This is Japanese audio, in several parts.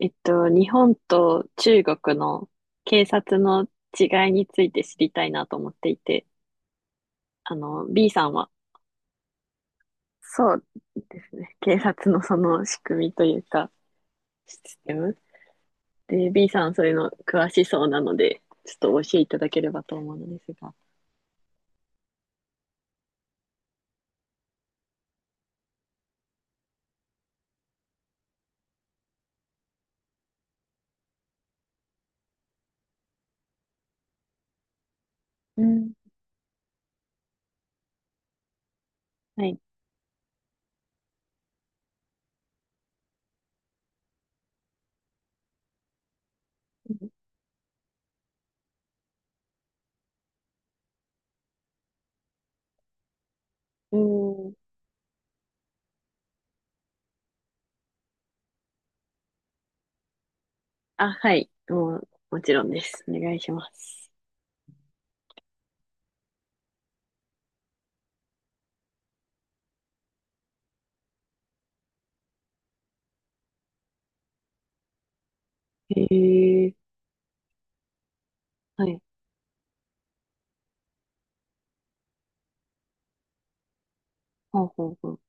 日本と中国の警察の違いについて知りたいなと思っていて、B さんは、そうですね、警察のその仕組みというか、システム。で、B さんそういうの詳しそうなので、ちょっとお教えていただければと思うのですが。うん、はい。うん。あ、はい。もう、もちろんです。お願いします。へえはい。ほうほうほう。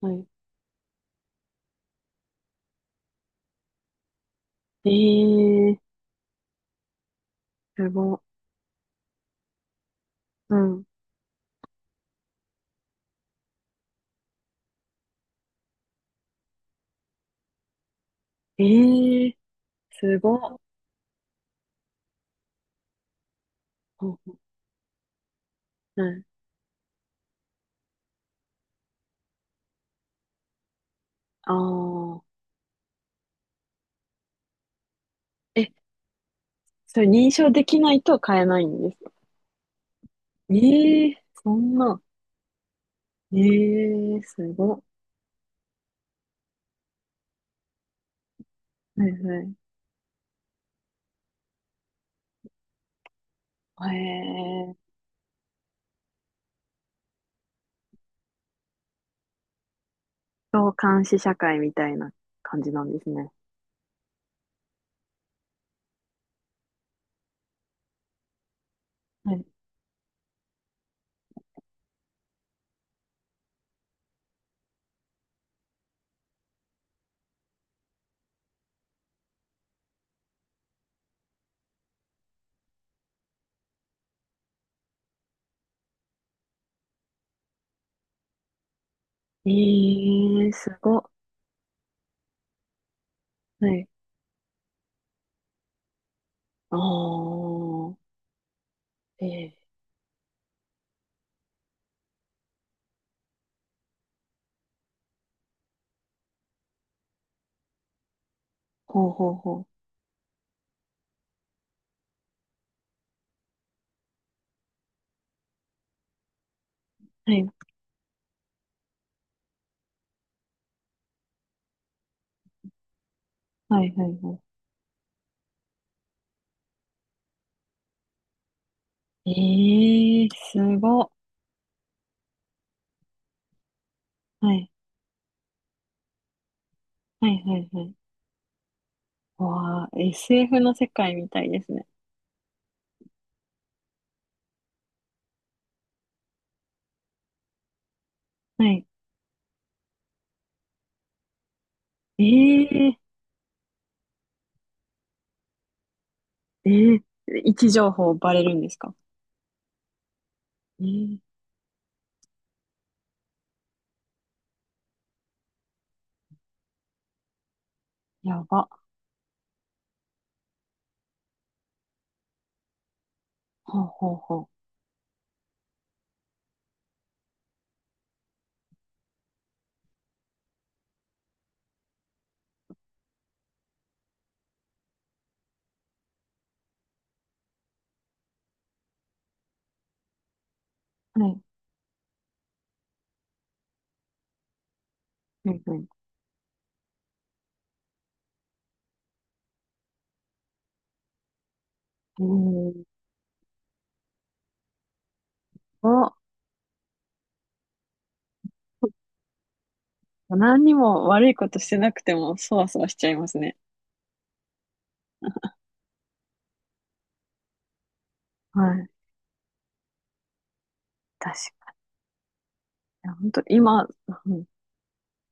はい。ええすご。うん。ええすごっ。ほうはい。ああ。え、それ認証できないと買えないんですか？ええそんな。ええすごっ。はいはい。ええそう、監視社会みたいな感じなんですね。はい。ええすごっ。はい。ああ。ええほうほうほう。はい。はいはいはい。ええすごっ。はい。はいはいはい。わあ、SF の世界みたいですね。はい。ええええ位置情報バレるんですか？ええやば。ほうほうほう。はい、はい、はい。ええお、何にも悪いことしてなくても、そわそわしちゃいますね。はい、確かに。本当今、うん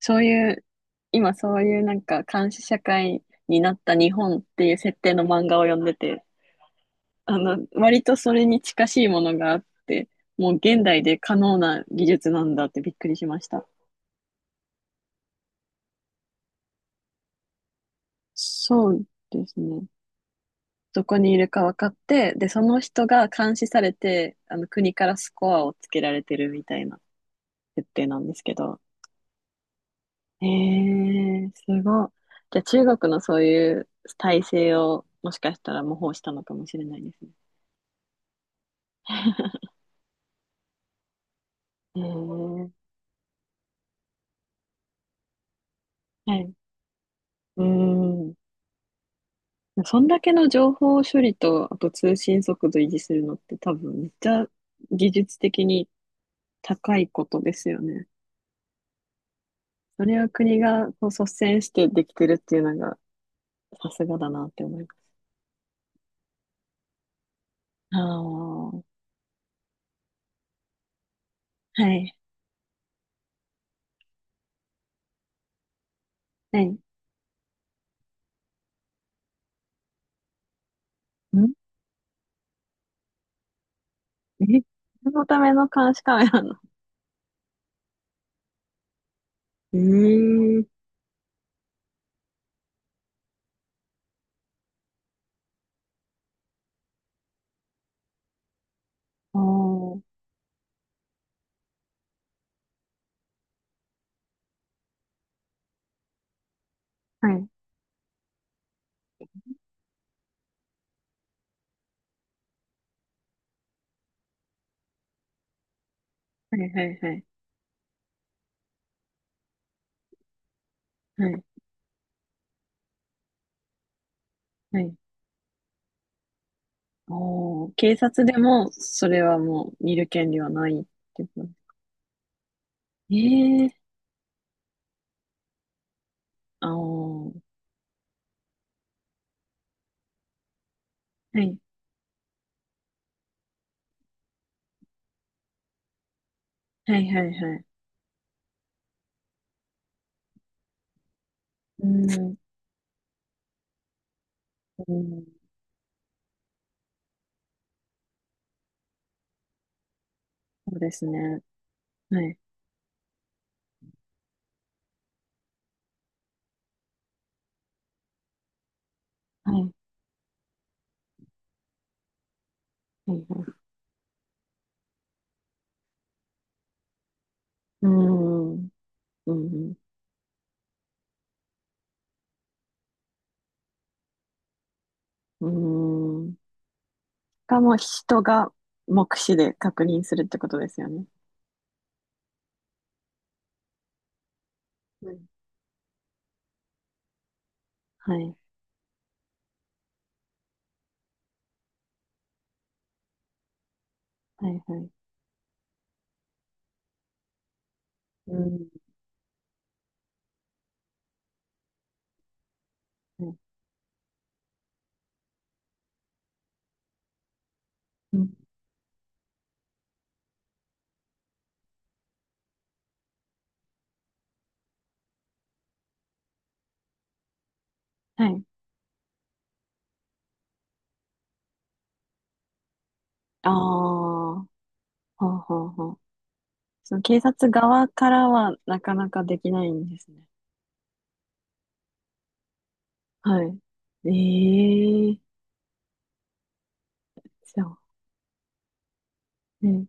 そういう、今そういうなんか監視社会になった日本っていう設定の漫画を読んでて、割とそれに近しいものがあって、もう現代で可能な技術なんだってびっくりしました。そうですね。どこにいるか分かって、で、その人が監視されて、国からスコアをつけられてるみたいな設定なんですけど。えー、すごい。じゃあ中国のそういう体制をもしかしたら模倣したのかもしれないですね。えー、はい。うーん。そんだけの情報処理と、あと通信速度維持するのって多分めっちゃ技術的に高いことですよね。それを国がこう率先してできてるっていうのが、さすがだなって思います。ああ、はい、はい。んえそのための監視カメラの。うーん。おー、はい、はい、はい、はい、はい、はい。おー、警察でも、それはもう見る権利はないってこと。ええー、あー、はい、はい、はい、はい。うーん、うん、そうですね。はい、はい、はい、はい。うーん、うん、うん、うーん。がもう人が目視で確認するってことですよね。うん。はい。はい、はい。うん。はい。うん。はい。ああ、はははその警察側からはなかなかできないんですね。はい。ええーそう。ね。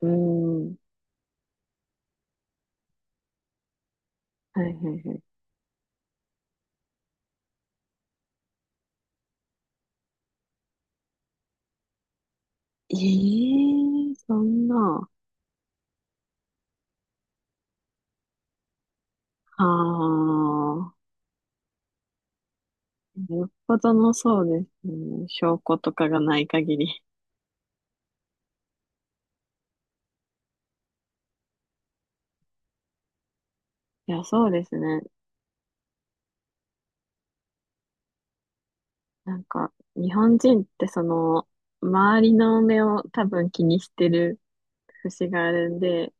うーん。はいはいはい。ええーそんな。ああ。よっぽどのそうですね。証拠とかがない限り。いや、そうですね。なんか、日本人ってその、周りの目を多分気にしてる節があるんで、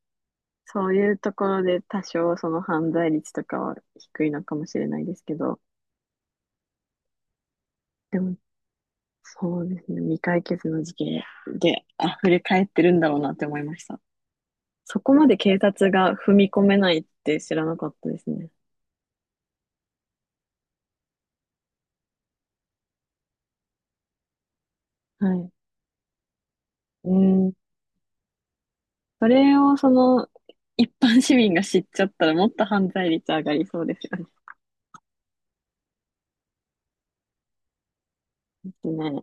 そういうところで多少その犯罪率とかは低いのかもしれないですけど、でも、そうですね、未解決の事件で溢れ返ってるんだろうなって思いました。そこまで警察が踏み込めないって知らなかったですね。はい。うん。それをその、一般市民が知っちゃったらもっと犯罪率上がりそうですよね。ね。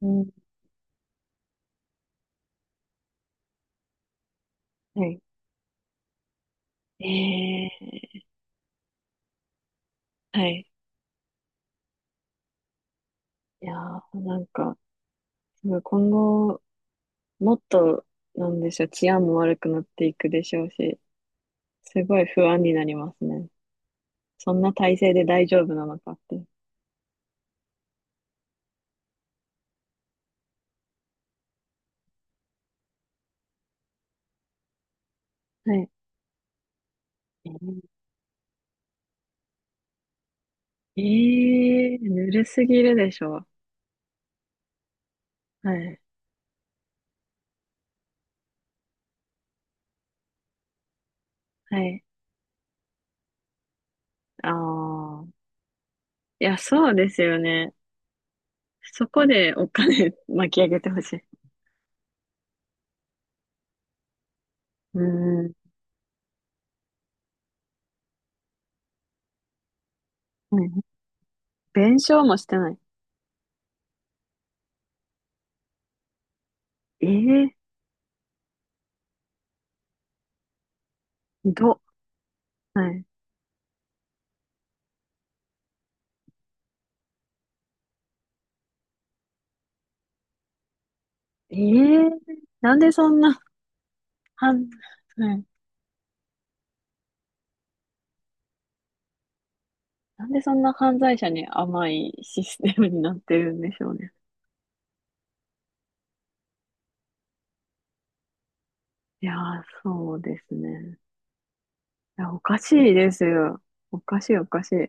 うん。はいええはい。いやー、なんか、すごい今後、もっと、なんでしょう、治安も悪くなっていくでしょうし、すごい不安になりますね。そんな体制で大丈夫なのかって。はい。ええぬるすぎるでしょう。はい。はい。ああ。いや、そうですよね。そこでお金 巻き上げてほしい。うーん。はい弁償もしてない。ええひどっ。はい。ええなんでそんな犯、はい。なんでそんな犯罪者に甘いシステムになってるんでしょうね。いやー、そうですね。いや、おかしいですよ。おかしい、おかしい。い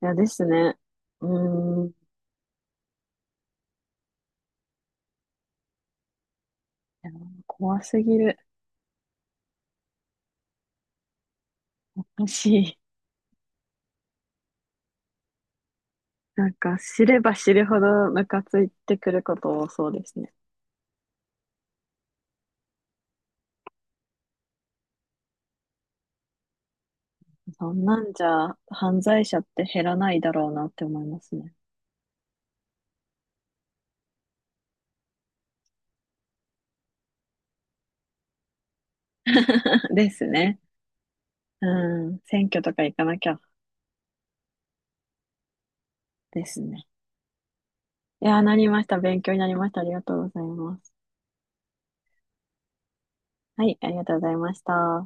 や、ですね。うーん。いや、怖すぎる。おかしい。なんか、知れば知るほどムカついてくること多そうですね。そんなんじゃ、犯罪者って減らないだろうなって思いますね。ですね。うん。選挙とか行かなきゃですね。いやー、なりました。勉強になりました。ありがとうございます。はい、ありがとうございました。